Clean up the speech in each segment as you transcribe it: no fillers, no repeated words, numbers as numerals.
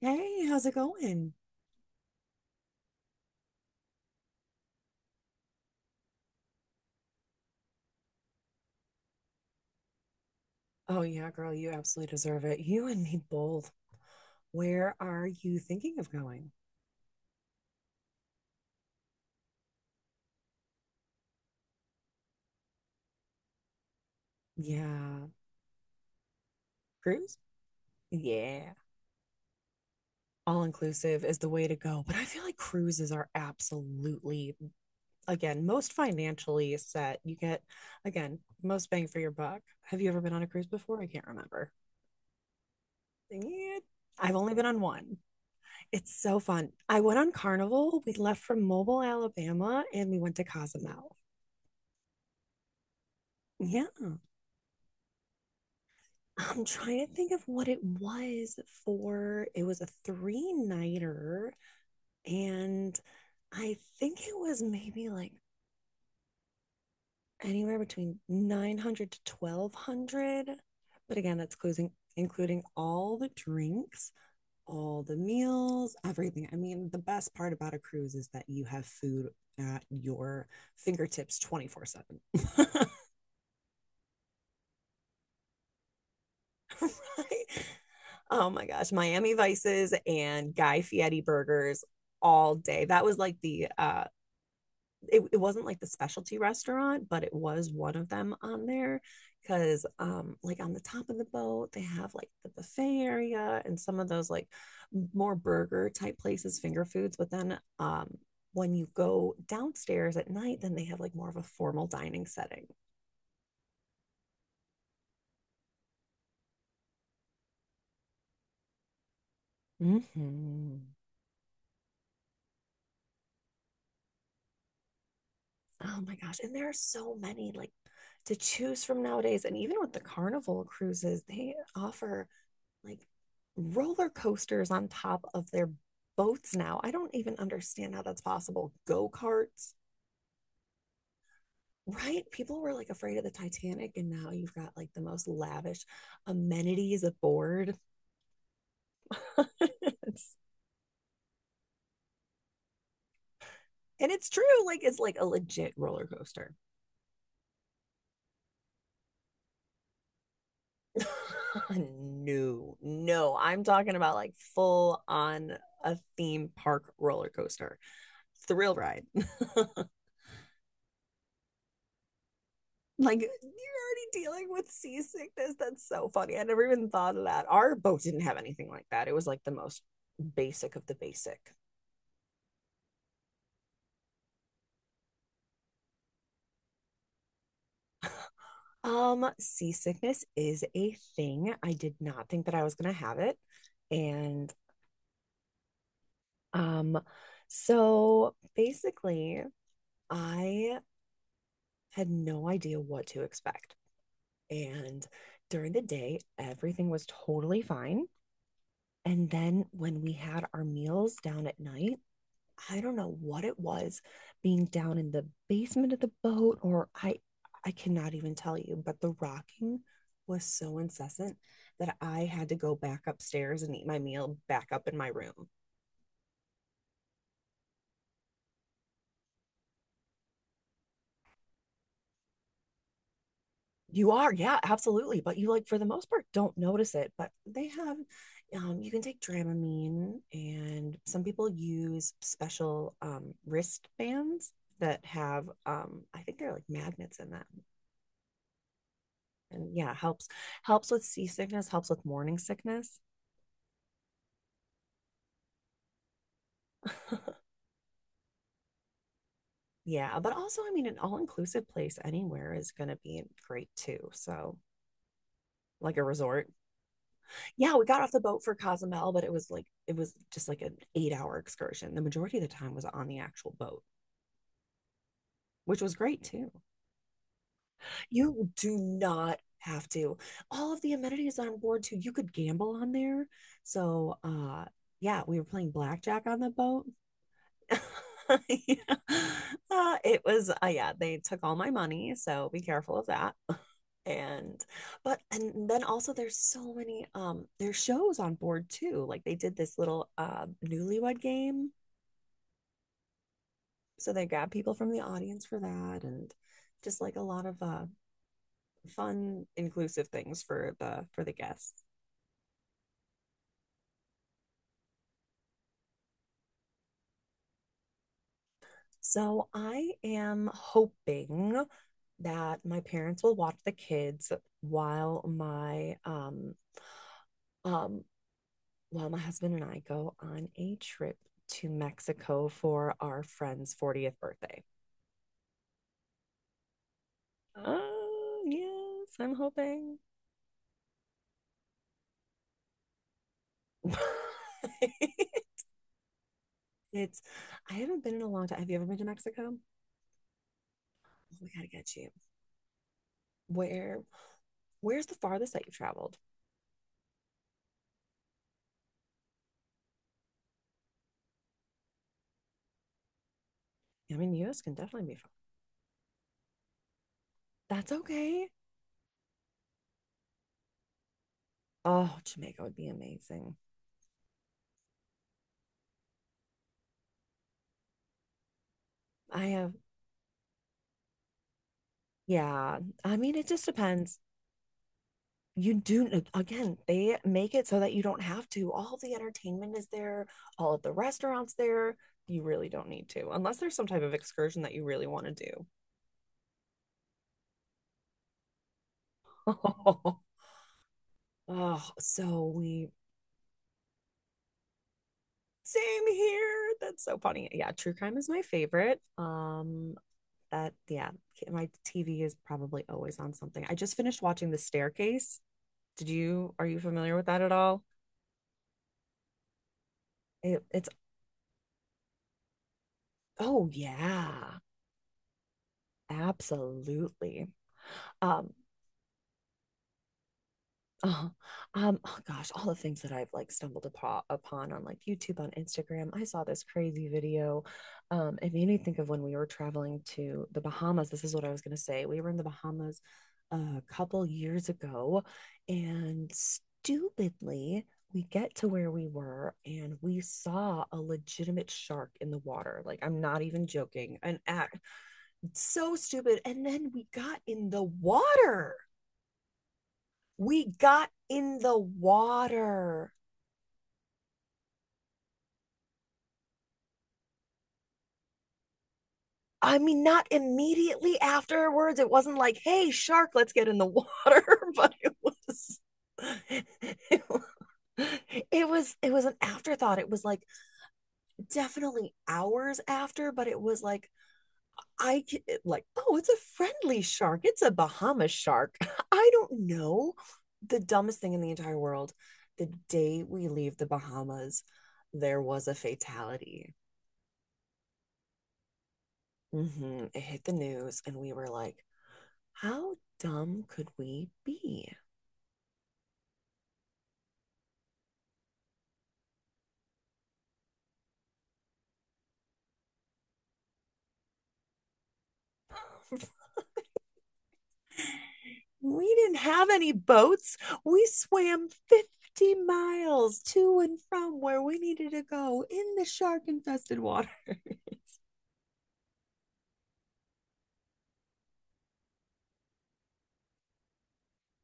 Hey, how's it going? Oh, yeah, girl, you absolutely deserve it. You and me both. Where are you thinking of going? Yeah. Cruise? Yeah. All inclusive is the way to go. But I feel like cruises are absolutely, again, most financially set. You get, again, most bang for your buck. Have you ever been on a cruise before? I can't remember. Yeah. I've only been on one. It's so fun. I went on Carnival. We left from Mobile, Alabama, and we went to Cozumel. Yeah. I'm trying to think of what it was for. It was a three nighter, and I think it was maybe like anywhere between 900 to 1200. But again, that's closing, including all the drinks, all the meals, everything. I mean, the best part about a cruise is that you have food at your fingertips 24/7. Right? Oh my gosh, Miami Vices and Guy Fieri burgers all day. That was like the it wasn't like the specialty restaurant, but it was one of them on there because like on the top of the boat they have like the buffet area and some of those like more burger type places, finger foods, but then when you go downstairs at night, then they have like more of a formal dining setting. Mm-hmm. Oh my gosh. And there are so many like to choose from nowadays. And even with the carnival cruises, they offer like roller coasters on top of their boats now. I don't even understand how that's possible. Go karts, right? People were like afraid of the Titanic, and now you've got like the most lavish amenities aboard. It's- and it's true. Like, it's like a legit roller coaster. No, no. I'm talking about like full on a theme park roller coaster thrill ride. Like you're already dealing with seasickness. That's so funny. I never even thought of that. Our boat didn't have anything like that. It was like the most basic of the basic. Seasickness is a thing. I did not think that I was gonna have it. And um, so basically I had no idea what to expect. And during the day, everything was totally fine. And then when we had our meals down at night, I don't know what it was being down in the basement of the boat or I cannot even tell you, but the rocking was so incessant that I had to go back upstairs and eat my meal back up in my room. You are, yeah, absolutely. But you like for the most part don't notice it. But they have, you can take Dramamine, and some people use special wristbands that have, I think they're like magnets in them, and yeah, helps with seasickness, helps with morning sickness. Yeah, but also, I mean, an all-inclusive place anywhere is going to be great too. So, like a resort. Yeah, we got off the boat for Cozumel, but it was like it was just like an 8 hour excursion. The majority of the time was on the actual boat, which was great too. You do not have to. All of the amenities on board too. You could gamble on there. So yeah, we were playing blackjack on the boat. Yeah. It was yeah, they took all my money, so be careful of that. And but and then also there's so many there's shows on board too. Like they did this little newlywed game. So they grabbed people from the audience for that and just like a lot of fun inclusive things for the guests. So I am hoping that my parents will watch the kids while my um um while my husband and I go on a trip to Mexico for our friend's 40th birthday. Oh, yes, I'm hoping. It's I haven't been in a long time. Have you ever been to Mexico? Oh, we gotta get you. Where where's the farthest that you've traveled? I mean, US can definitely be far. That's okay. Oh, Jamaica would be amazing. I have yeah. I mean, it just depends. You do again, they make it so that you don't have to. All the entertainment is there, all of the restaurants there. You really don't need to, unless there's some type of excursion that you really want to do. Oh, so we same here. That's so funny. Yeah, true crime is my favorite. That yeah, my TV is probably always on something. I just finished watching The Staircase. Did you are you familiar with that at all? It's oh yeah, absolutely. Um, Oh, oh gosh, all the things that I've like stumbled upon on like YouTube, on Instagram. I saw this crazy video. It made me think of when we were traveling to the Bahamas. This is what I was gonna say. We were in the Bahamas a couple years ago, and stupidly, we get to where we were and we saw a legitimate shark in the water. Like, I'm not even joking. An act so stupid. And then we got in the water. I mean, not immediately afterwards. It wasn't like, hey, shark, let's get in the water, but it was. It was it was an afterthought. It was like definitely hours after, but it was like I like, oh, it's a friendly shark, it's a Bahamas shark. I don't know, the dumbest thing in the entire world. The day we leave the Bahamas there was a fatality. Hmm. It hit the news, and we were like, how dumb could we be? We didn't have any boats. We swam 50 miles to and from where we needed to go in the shark infested water.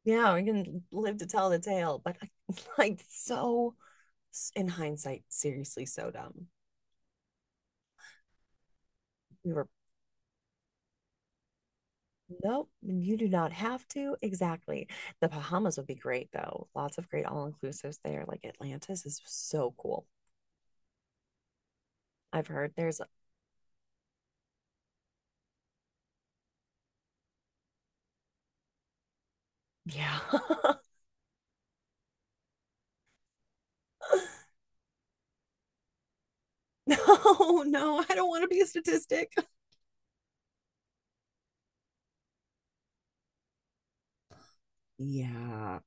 Yeah, we can live to tell the tale, but like, so in hindsight, seriously, so dumb. We were, nope, you do not have to. Exactly. The Bahamas would be great, though. Lots of great all inclusives there. Like Atlantis is so cool. I've heard there's, yeah. No, no, I don't want to be a statistic. Yeah.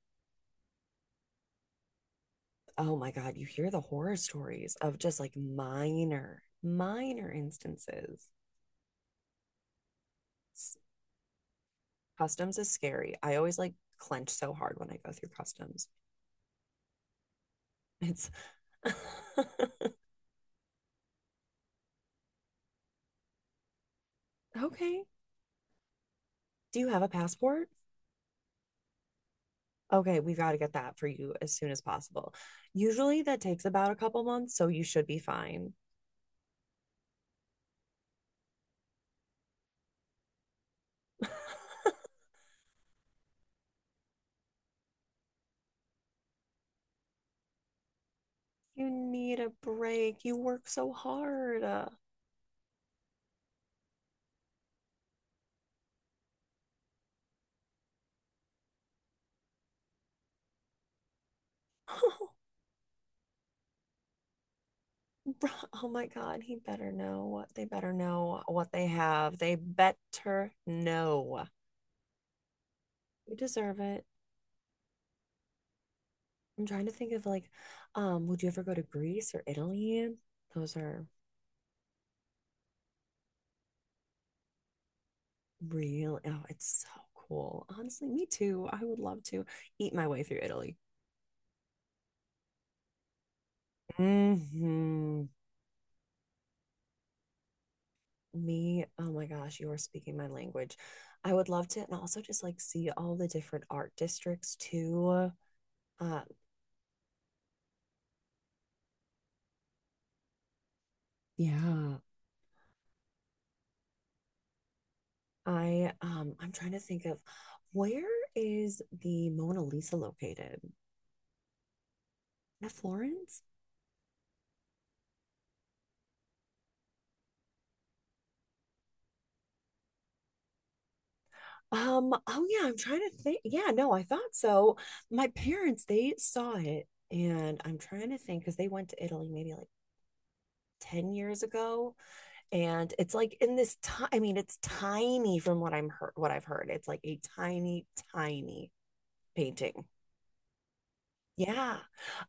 Oh my God. You hear the horror stories of just like minor, minor instances. Customs is scary. I always like clench so hard when I go through customs. It's okay. Do you have a passport? Okay, we've got to get that for you as soon as possible. Usually that takes about a couple months, so you should be fine. You need a break. You work so hard. Oh, bro- oh my God, he better know what they better know what they have. They better know. You deserve it. I'm trying to think of like, would you ever go to Greece or Italy? Those are real. Oh, it's so cool. Honestly, me too. I would love to eat my way through Italy. Hmm. Me, oh my gosh, you are speaking my language. I would love to, and also just like see all the different art districts too. uh Yeah. I'm trying to think of where is the Mona Lisa located? At Florence? Oh yeah, I'm trying to think. Yeah, no, I thought so. My parents, they saw it, and I'm trying to think because they went to Italy maybe like 10 years ago, and it's like in this time, I mean, it's tiny from what I've heard. It's like a tiny tiny painting. Yeah,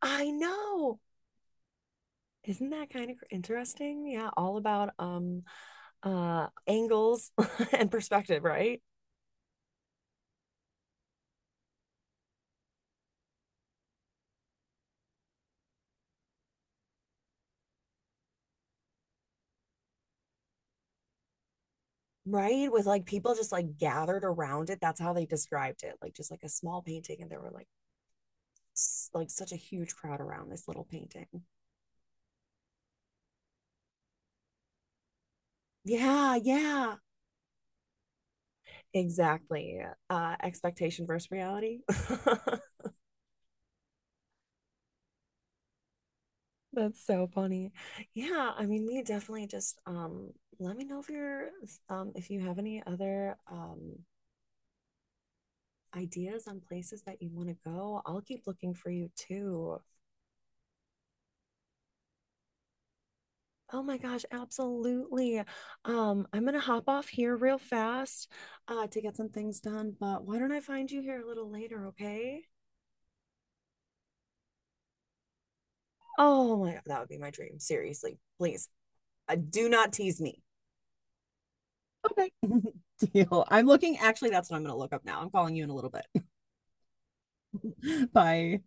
I know. Isn't that kind of interesting? Yeah, all about angles and perspective, right? Right, with like people just like gathered around it, that's how they described it, like just like a small painting, and there were like s- like such a huge crowd around this little painting. Yeah, yeah. Exactly. Expectation versus reality. That's so funny. Yeah, I mean, we definitely just let me know if you're if you have any other ideas on places that you want to go. I'll keep looking for you too. Oh my gosh, absolutely. I'm gonna hop off here real fast to get some things done, but why don't I find you here a little later, okay? Oh my God, that would be my dream. Seriously, please. Do not tease me. Okay. Deal. I'm looking, actually, that's what I'm going to look up now. I'm calling you in a little bit. Bye.